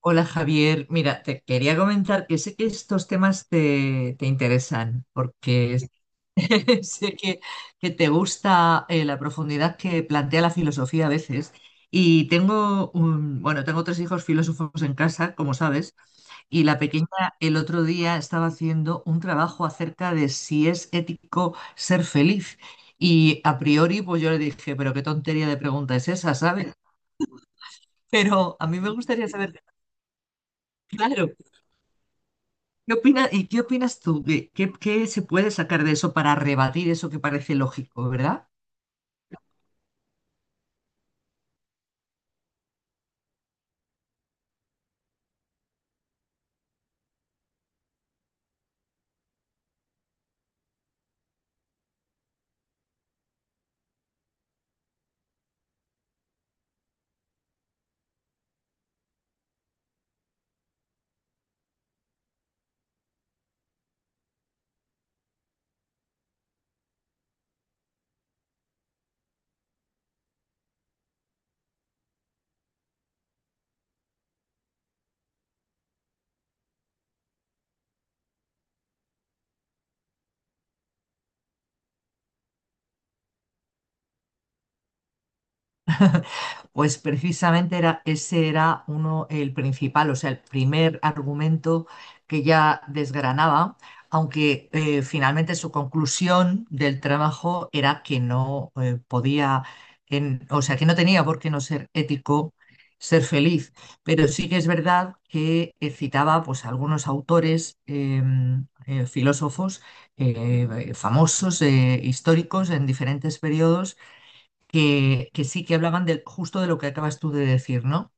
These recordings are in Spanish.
Hola Javier, mira, te quería comentar que sé que estos temas te interesan, porque sé que te gusta la profundidad que plantea la filosofía a veces. Y tengo un, bueno, tengo tres hijos filósofos en casa, como sabes, y la pequeña el otro día estaba haciendo un trabajo acerca de si es ético ser feliz. Y a priori, pues yo le dije, pero qué tontería de pregunta es esa, ¿sabes? Pero a mí me gustaría saber, claro. ¿Qué opinas, y qué opinas tú? ¿Qué, qué se puede sacar de eso para rebatir eso que parece lógico, verdad? Pues precisamente era, ese era uno, el principal, o sea, el primer argumento que ya desgranaba, aunque finalmente su conclusión del trabajo era que no podía, o sea, que no tenía por qué no ser ético ser feliz. Pero sí que es verdad que citaba pues, a algunos autores, filósofos famosos, históricos en diferentes periodos que sí que hablaban de, justo de lo que acabas tú de decir, ¿no?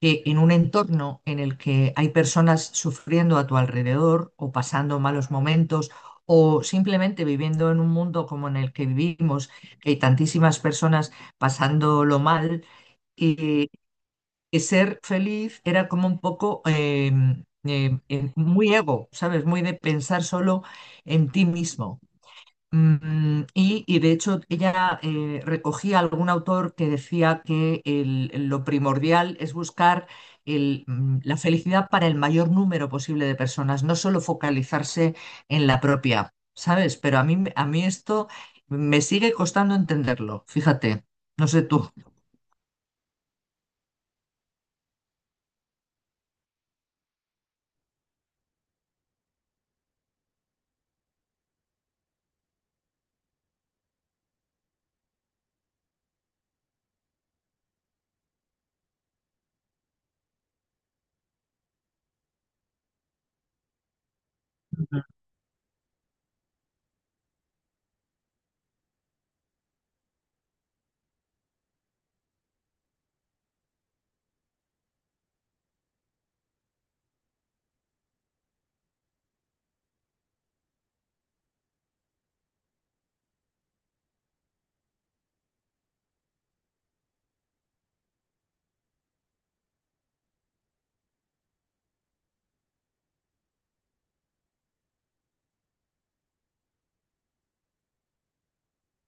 Que en un entorno en el que hay personas sufriendo a tu alrededor o pasando malos momentos o simplemente viviendo en un mundo como en el que vivimos, que hay tantísimas personas pasándolo mal, y que ser feliz era como un poco muy ego, ¿sabes? Muy de pensar solo en ti mismo. Mm, y de hecho ella recogía algún autor que decía que lo primordial es buscar el, mm, la felicidad para el mayor número posible de personas, no solo focalizarse en la propia, ¿sabes? Pero a mí, a mí esto me sigue costando entenderlo, fíjate, no sé tú.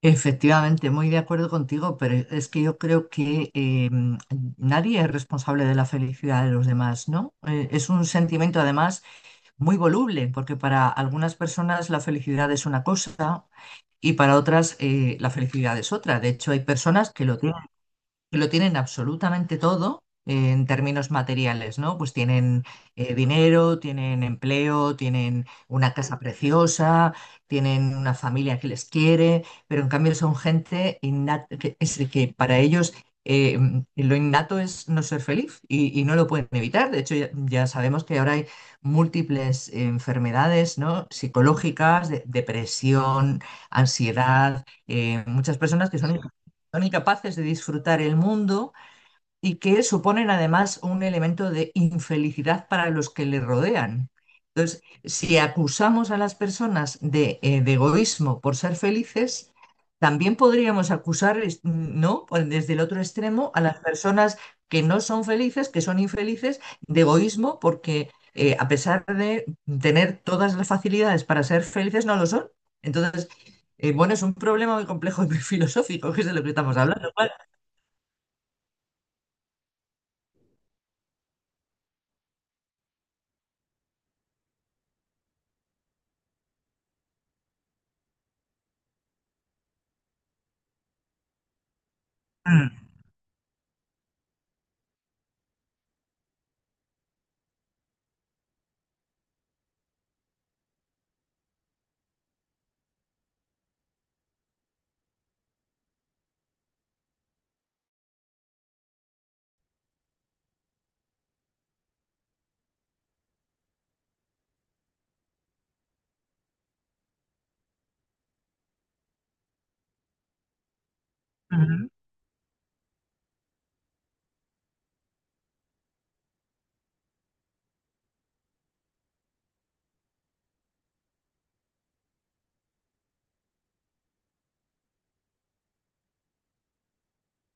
Efectivamente, muy de acuerdo contigo, pero es que yo creo que nadie es responsable de la felicidad de los demás, ¿no? Es un sentimiento además muy voluble, porque para algunas personas la felicidad es una cosa y para otras la felicidad es otra. De hecho, hay personas que lo tienen absolutamente todo en términos materiales, ¿no? Pues tienen dinero, tienen empleo, tienen una casa preciosa, tienen una familia que les quiere, pero en cambio son gente innata, que, es de que para ellos eh, lo innato es no ser feliz y no lo pueden evitar. De hecho, ya, ya sabemos que ahora hay múltiples enfermedades, ¿no? Psicológicas, depresión, ansiedad, muchas personas que son incapaces de disfrutar el mundo y que suponen además un elemento de infelicidad para los que le rodean. Entonces, si acusamos a las personas de egoísmo por ser felices, también podríamos acusar, ¿no? Pues desde el otro extremo a las personas que no son felices, que son infelices, de egoísmo porque a pesar de tener todas las facilidades para ser felices, no lo son. Entonces, bueno, es un problema muy complejo y muy filosófico, que es de lo que estamos hablando. ¿Vale?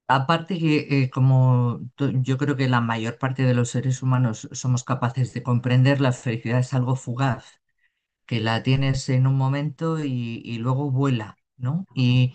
Aparte que como yo creo que la mayor parte de los seres humanos somos capaces de comprender, la felicidad es algo fugaz, que la tienes en un momento y luego vuela, ¿no?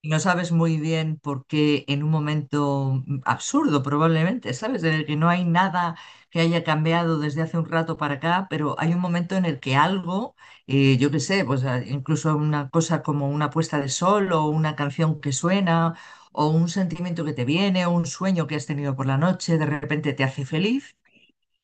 Y no sabes muy bien por qué en un momento mm, absurdo probablemente, ¿sabes? En el que no hay nada que haya cambiado desde hace un rato para acá, pero hay un momento en el que algo, yo qué sé, pues ah, incluso una cosa como una puesta de sol o una canción que suena o un sentimiento que te viene o un sueño que has tenido por la noche, de repente te hace feliz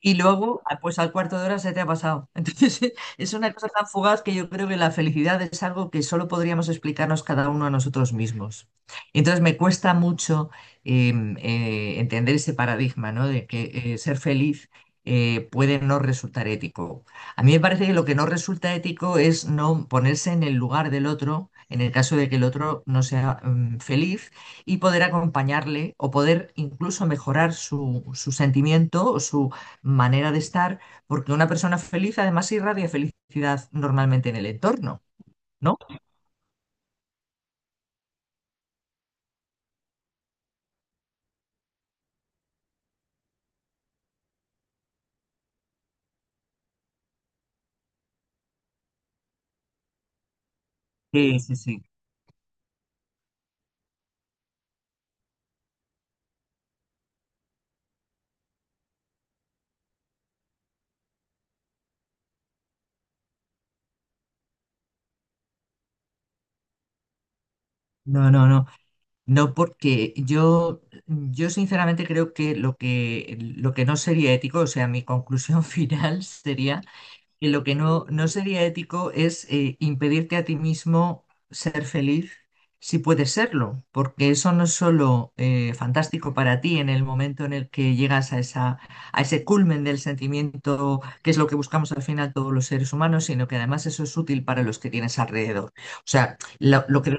y luego, ah, pues al cuarto de hora se te ha pasado. Entonces, es una cosa tan fugaz que yo creo que la felicidad es algo que solo podríamos explicarnos cada uno a nosotros mismos. Entonces, me cuesta mucho eh, entender ese paradigma, ¿no? De que ser feliz puede no resultar ético. A mí me parece que lo que no resulta ético es no ponerse en el lugar del otro, en el caso de que el otro no sea mm, feliz y poder acompañarle o poder incluso mejorar su, su sentimiento o su, manera de estar, porque una persona feliz además irradia felicidad normalmente en el entorno, ¿no? Sí, sí, sí. No, no, no. No, porque yo sinceramente creo que lo que, lo que no sería ético, o sea, mi conclusión final sería. Y lo que no, no sería ético es impedirte a ti mismo ser feliz si puedes serlo, porque eso no es solo fantástico para ti en el momento en el que llegas a esa, a ese culmen del sentimiento, que es lo que buscamos al final todos los seres humanos, sino que además eso es útil para los que tienes alrededor. O sea, lo que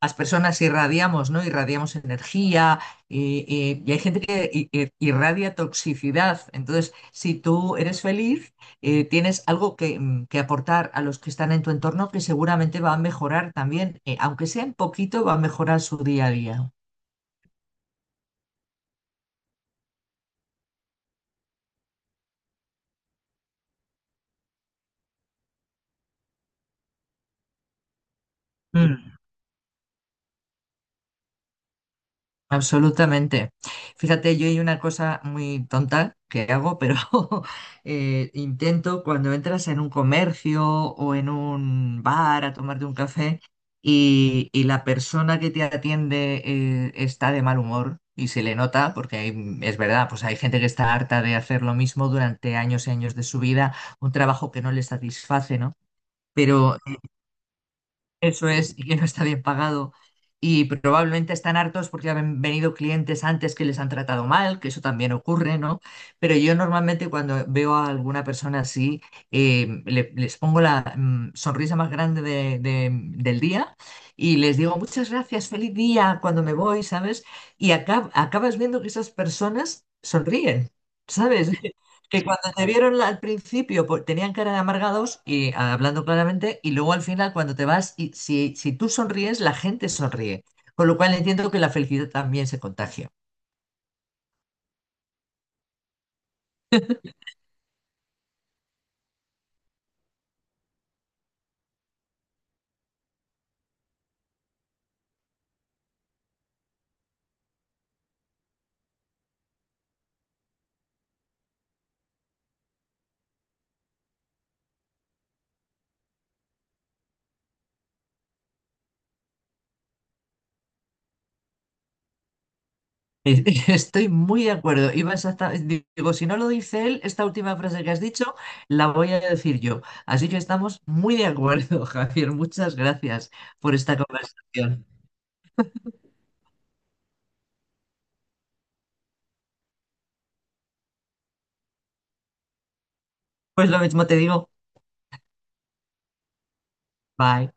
las personas irradiamos, ¿no? Irradiamos energía y, y hay gente que irradia toxicidad. Entonces, si tú eres feliz, tienes algo que, mm, que aportar a los que están en tu entorno que seguramente va a mejorar también, aunque sea un poquito, va a mejorar su día a día. Mm. Absolutamente. Fíjate, yo hay una cosa muy tonta que hago, pero intento cuando entras en un comercio o en un bar a tomarte un café y la persona que te atiende está de mal humor y se le nota, porque es verdad, pues hay gente que está harta de hacer lo mismo durante años y años de su vida, un trabajo que no le satisface, ¿no? Pero eso es, y que no está bien pagado. Y probablemente están hartos porque han venido clientes antes que les han tratado mal, que eso también ocurre, ¿no? Pero yo normalmente cuando veo a alguna persona así, les pongo la mm, sonrisa más grande del día y les digo, muchas gracias, feliz día cuando me voy, ¿sabes? Y acabas viendo que esas personas sonríen, ¿sabes? Que cuando te vieron al principio pues, tenían cara de amargados y ah, hablando claramente, y luego al final cuando te vas, y si, si tú sonríes, la gente sonríe. Con lo cual entiendo que la felicidad también se contagia. Eh, estoy muy de acuerdo. Digo, si no lo dice él, esta última frase que has dicho, la voy a decir yo. Así que estamos muy de acuerdo, Javier. Muchas gracias por esta conversación. Pues lo mismo te digo. Bye.